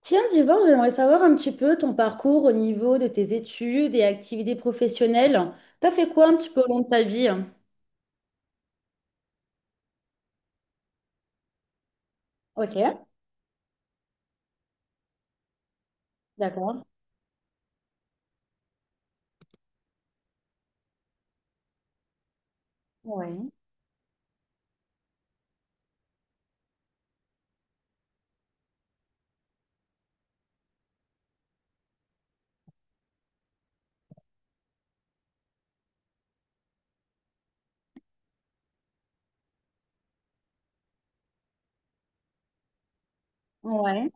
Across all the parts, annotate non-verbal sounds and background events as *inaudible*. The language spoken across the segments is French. Tiens, Divor, j'aimerais savoir un petit peu ton parcours au niveau de tes études et activités professionnelles. T'as fait quoi un petit peu au long de ta vie? Ok, d'accord. Ouais. Ouais.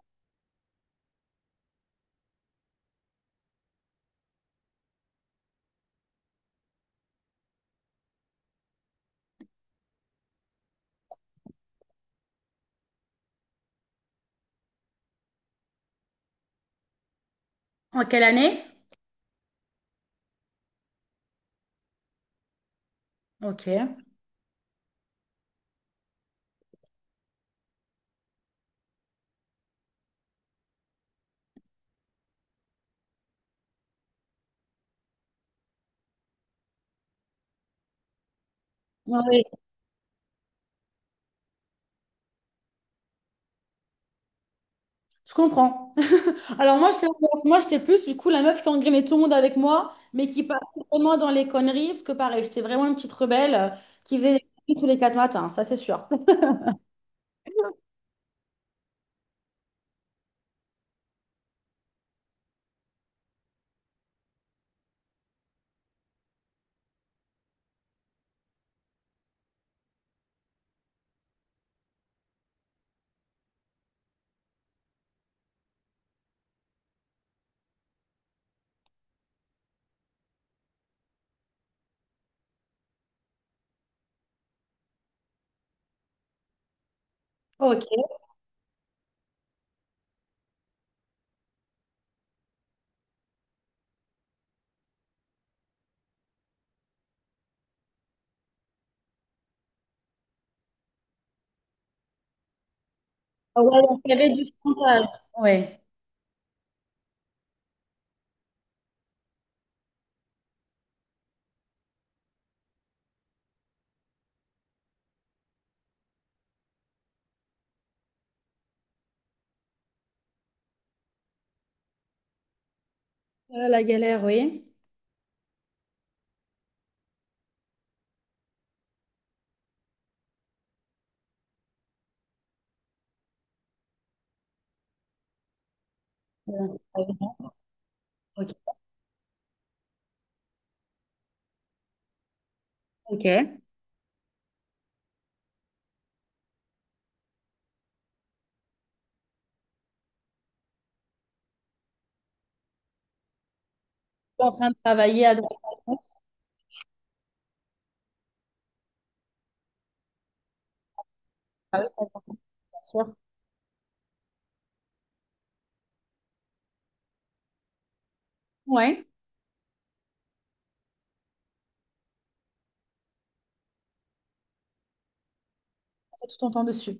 En quelle année? Ok. Oui, je comprends. *laughs* Alors moi, j'étais plus du coup la meuf qui engrainait tout le monde avec moi, mais qui partait vraiment dans les conneries, parce que pareil, j'étais vraiment une petite rebelle qui faisait des conneries tous les quatre matins, ça c'est sûr. Ok. Ouais, donc il y avait du frontal. Ouais. La galère, oui. Ouais. OK. OK. En train de travailler à droite à gauche. Ah oui, d'accord, bien sûr. Ouais. C'est tout ton temps dessus.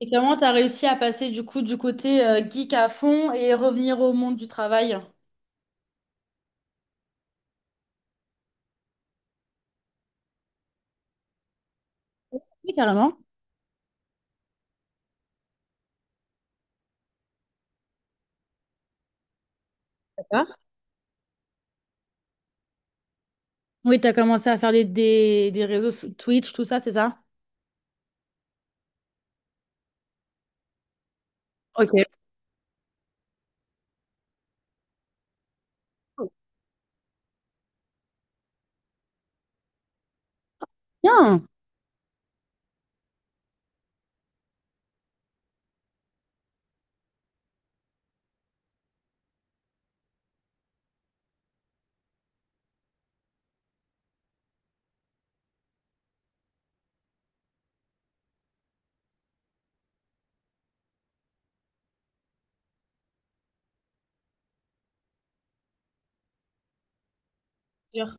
Et comment tu as réussi à passer du coup du côté geek à fond et revenir au monde du travail? Oui, carrément. D'accord. Oui, tu as commencé à faire des réseaux sous- Twitch, tout ça, c'est ça? Ok. Bien. Dur.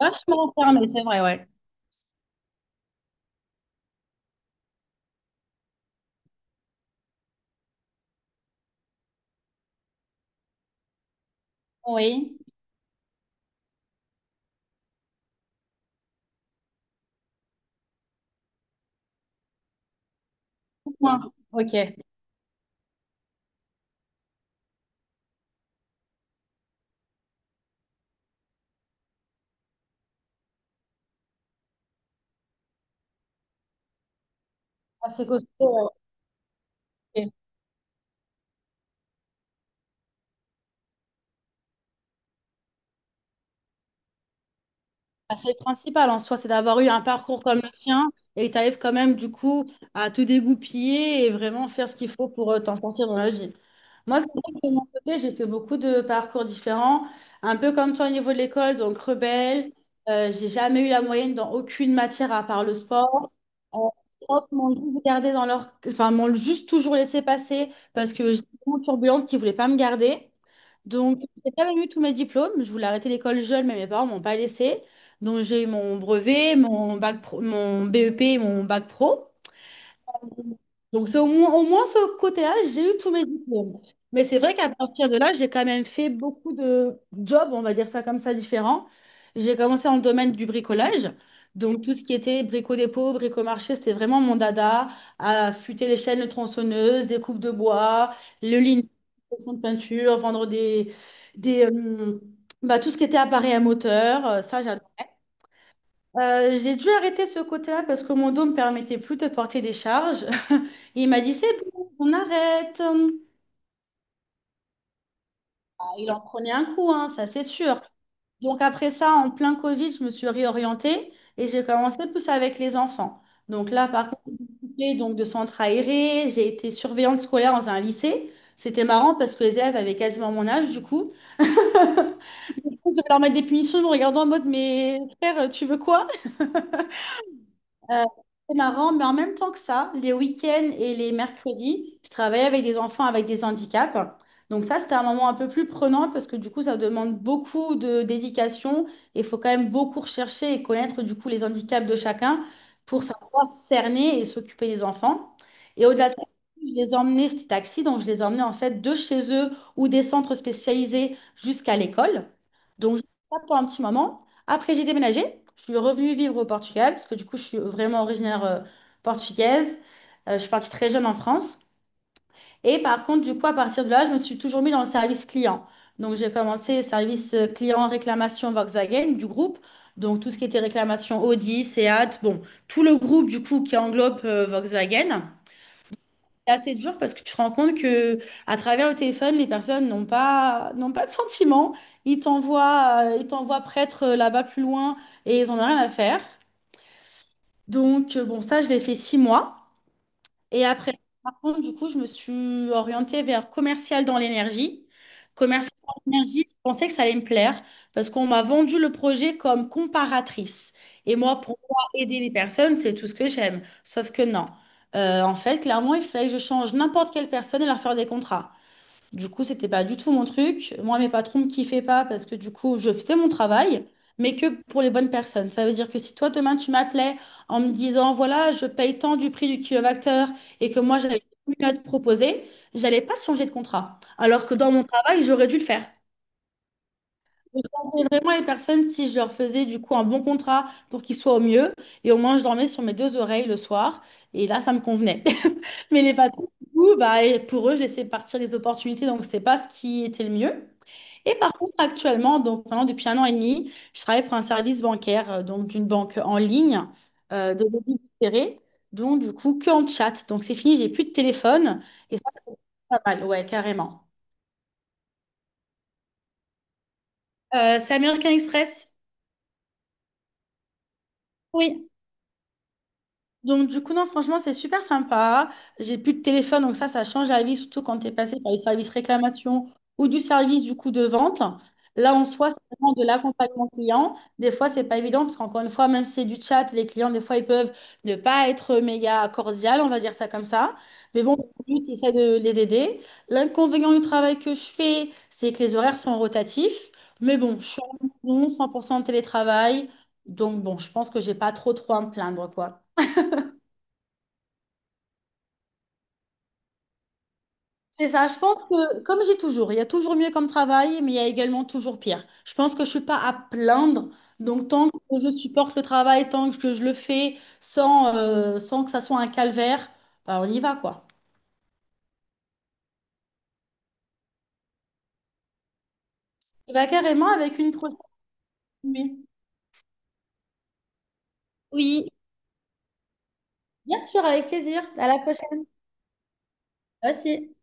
Vachement fermé, c'est vrai, ouais. Oui. Point. Ok. Assez costaud. Bah, c'est le principal en soi, c'est d'avoir eu un parcours comme le tien et tu arrives quand même du coup à te dégoupiller et vraiment faire ce qu'il faut pour t'en sortir dans la vie. Moi, c'est vrai que de mon côté, j'ai fait beaucoup de parcours différents, un peu comme toi au niveau de l'école, donc rebelle. J'ai jamais eu la moyenne dans aucune matière à part le sport. Euh, les profs m'ont juste gardé dans leur... enfin, m'ont juste toujours laissé passer parce que j'étais vraiment turbulente qui ne voulait pas me garder. Donc, j'ai pas même eu tous mes diplômes. Je voulais arrêter l'école jeune, mais mes parents m'ont pas laissé. Donc, j'ai eu mon brevet, mon bac pro- mon BEP et mon bac pro. Donc, c'est au moins ce côté-là, j'ai eu tous mes diplômes. Mais c'est vrai qu'à partir de là, j'ai quand même fait beaucoup de jobs, on va dire ça comme ça, différents. J'ai commencé dans le domaine du bricolage. Donc, tout ce qui était brico-dépôt, brico-marché, c'était vraiment mon dada. Affûter les chaînes, de tronçonneuses, des coupes de bois, le lin, de peinture, vendre des, euh, bah, tout ce qui était appareil à moteur. Ça, j'adore. J'ai dû arrêter ce côté-là parce que mon dos me permettait plus de porter des charges. *laughs* Et il m'a dit, c'est bon, on arrête. Ah, il en prenait un coup, hein, ça c'est sûr. Donc après ça, en plein Covid, je me suis réorientée et j'ai commencé plus avec les enfants. Donc là, par contre, j'ai occupé, donc de centre aéré, j'ai été surveillante scolaire dans un lycée. C'était marrant parce que les élèves avaient quasiment mon âge du coup. Je leur mettre des punitions en me regardant en mode, mais frère, tu veux quoi? Euh, c'est marrant, mais en même temps que ça, les week-ends et les mercredis, je travaillais avec des enfants avec des handicaps. Donc ça, c'était un moment un peu plus prenant parce que du coup, ça demande beaucoup de dédication et il faut quand même beaucoup rechercher et connaître du coup les handicaps de chacun pour savoir cerner et s'occuper des enfants. Et au-delà de ça, je les emmenais, j'étais taxi, donc je les emmenais en fait de chez eux ou des centres spécialisés jusqu'à l'école. Donc, j'ai fait ça pour un petit moment. Après, j'ai déménagé. Je suis revenue vivre au Portugal parce que du coup, je suis vraiment originaire portugaise. Je suis partie très jeune en France. Et par contre, du coup, à partir de là, je me suis toujours mis dans le service client. Donc, j'ai commencé service client réclamation Volkswagen du groupe. Donc, tout ce qui était réclamation Audi, Seat, bon, tout le groupe du coup qui englobe Volkswagen. C'est assez dur parce que tu te rends compte que à travers le téléphone, les personnes n'ont pas de sentiments. Ils t'envoient prêtre là-bas plus loin et ils en ont rien à faire. Donc bon, ça je l'ai fait 6 mois. Et après, par contre, du coup, je me suis orientée vers commercial dans l'énergie. Commercial dans l'énergie, je pensais que ça allait me plaire parce qu'on m'a vendu le projet comme comparatrice. Et moi, pour moi, aider les personnes, c'est tout ce que j'aime. Sauf que non. En fait, clairement, il fallait que je change n'importe quelle personne et leur faire des contrats. Du coup, c'était pas du tout mon truc. Moi, mes patrons me kiffaient pas parce que du coup, je faisais mon travail, mais que pour les bonnes personnes. Ça veut dire que si toi, demain, tu m'appelais en me disant, voilà, je paye tant du prix du kilowattheure et que moi, j'avais mieux à te proposer, j'allais pas te changer de contrat. Alors que dans mon travail, j'aurais dû le faire. Je changerais vraiment les personnes si je leur faisais du coup un bon contrat pour qu'ils soient au mieux. Et au moins, je dormais sur mes deux oreilles le soir. Et là, ça me convenait. *laughs* Mais les patrons, du coup, bah, et pour eux, je laissais partir les opportunités. Donc, c'était pas ce qui était le mieux. Et par contre, actuellement, donc maintenant, depuis un an et demi, je travaille pour un service bancaire, donc d'une banque en ligne, de débit différé. Donc, du coup, que en chat. Donc, c'est fini, j'ai plus de téléphone. Et ça, c'est pas mal. Ouais, carrément. C'est American Express? Oui. Donc, du coup, non, franchement, c'est super sympa. J'ai plus de téléphone, donc ça change la vie, surtout quand tu es passé par le service réclamation ou du service, du coup, de vente. Là, en soi, c'est vraiment de l'accompagnement client. Des fois, c'est pas évident parce qu'encore une fois, même si c'est du chat, les clients, des fois, ils peuvent ne pas être méga cordial, on va dire ça comme ça. Mais bon, lui, tu essaies de les aider. L'inconvénient du travail que je fais, c'est que les horaires sont rotatifs. Mais bon, je suis en maison, 100% en télétravail. Donc, bon, je pense que j'ai pas trop, trop à me plaindre, quoi. C'est ça, je pense que, comme j'ai toujours, il y a toujours mieux comme travail, mais il y a également toujours pire. Je pense que je suis pas à plaindre, donc tant que je supporte le travail, tant que je le fais sans, sans que ça soit un calvaire, bah, on y va, quoi. Bah, carrément avec une prochaine. Nuit. Oui, bien sûr, avec plaisir. À la prochaine. Merci.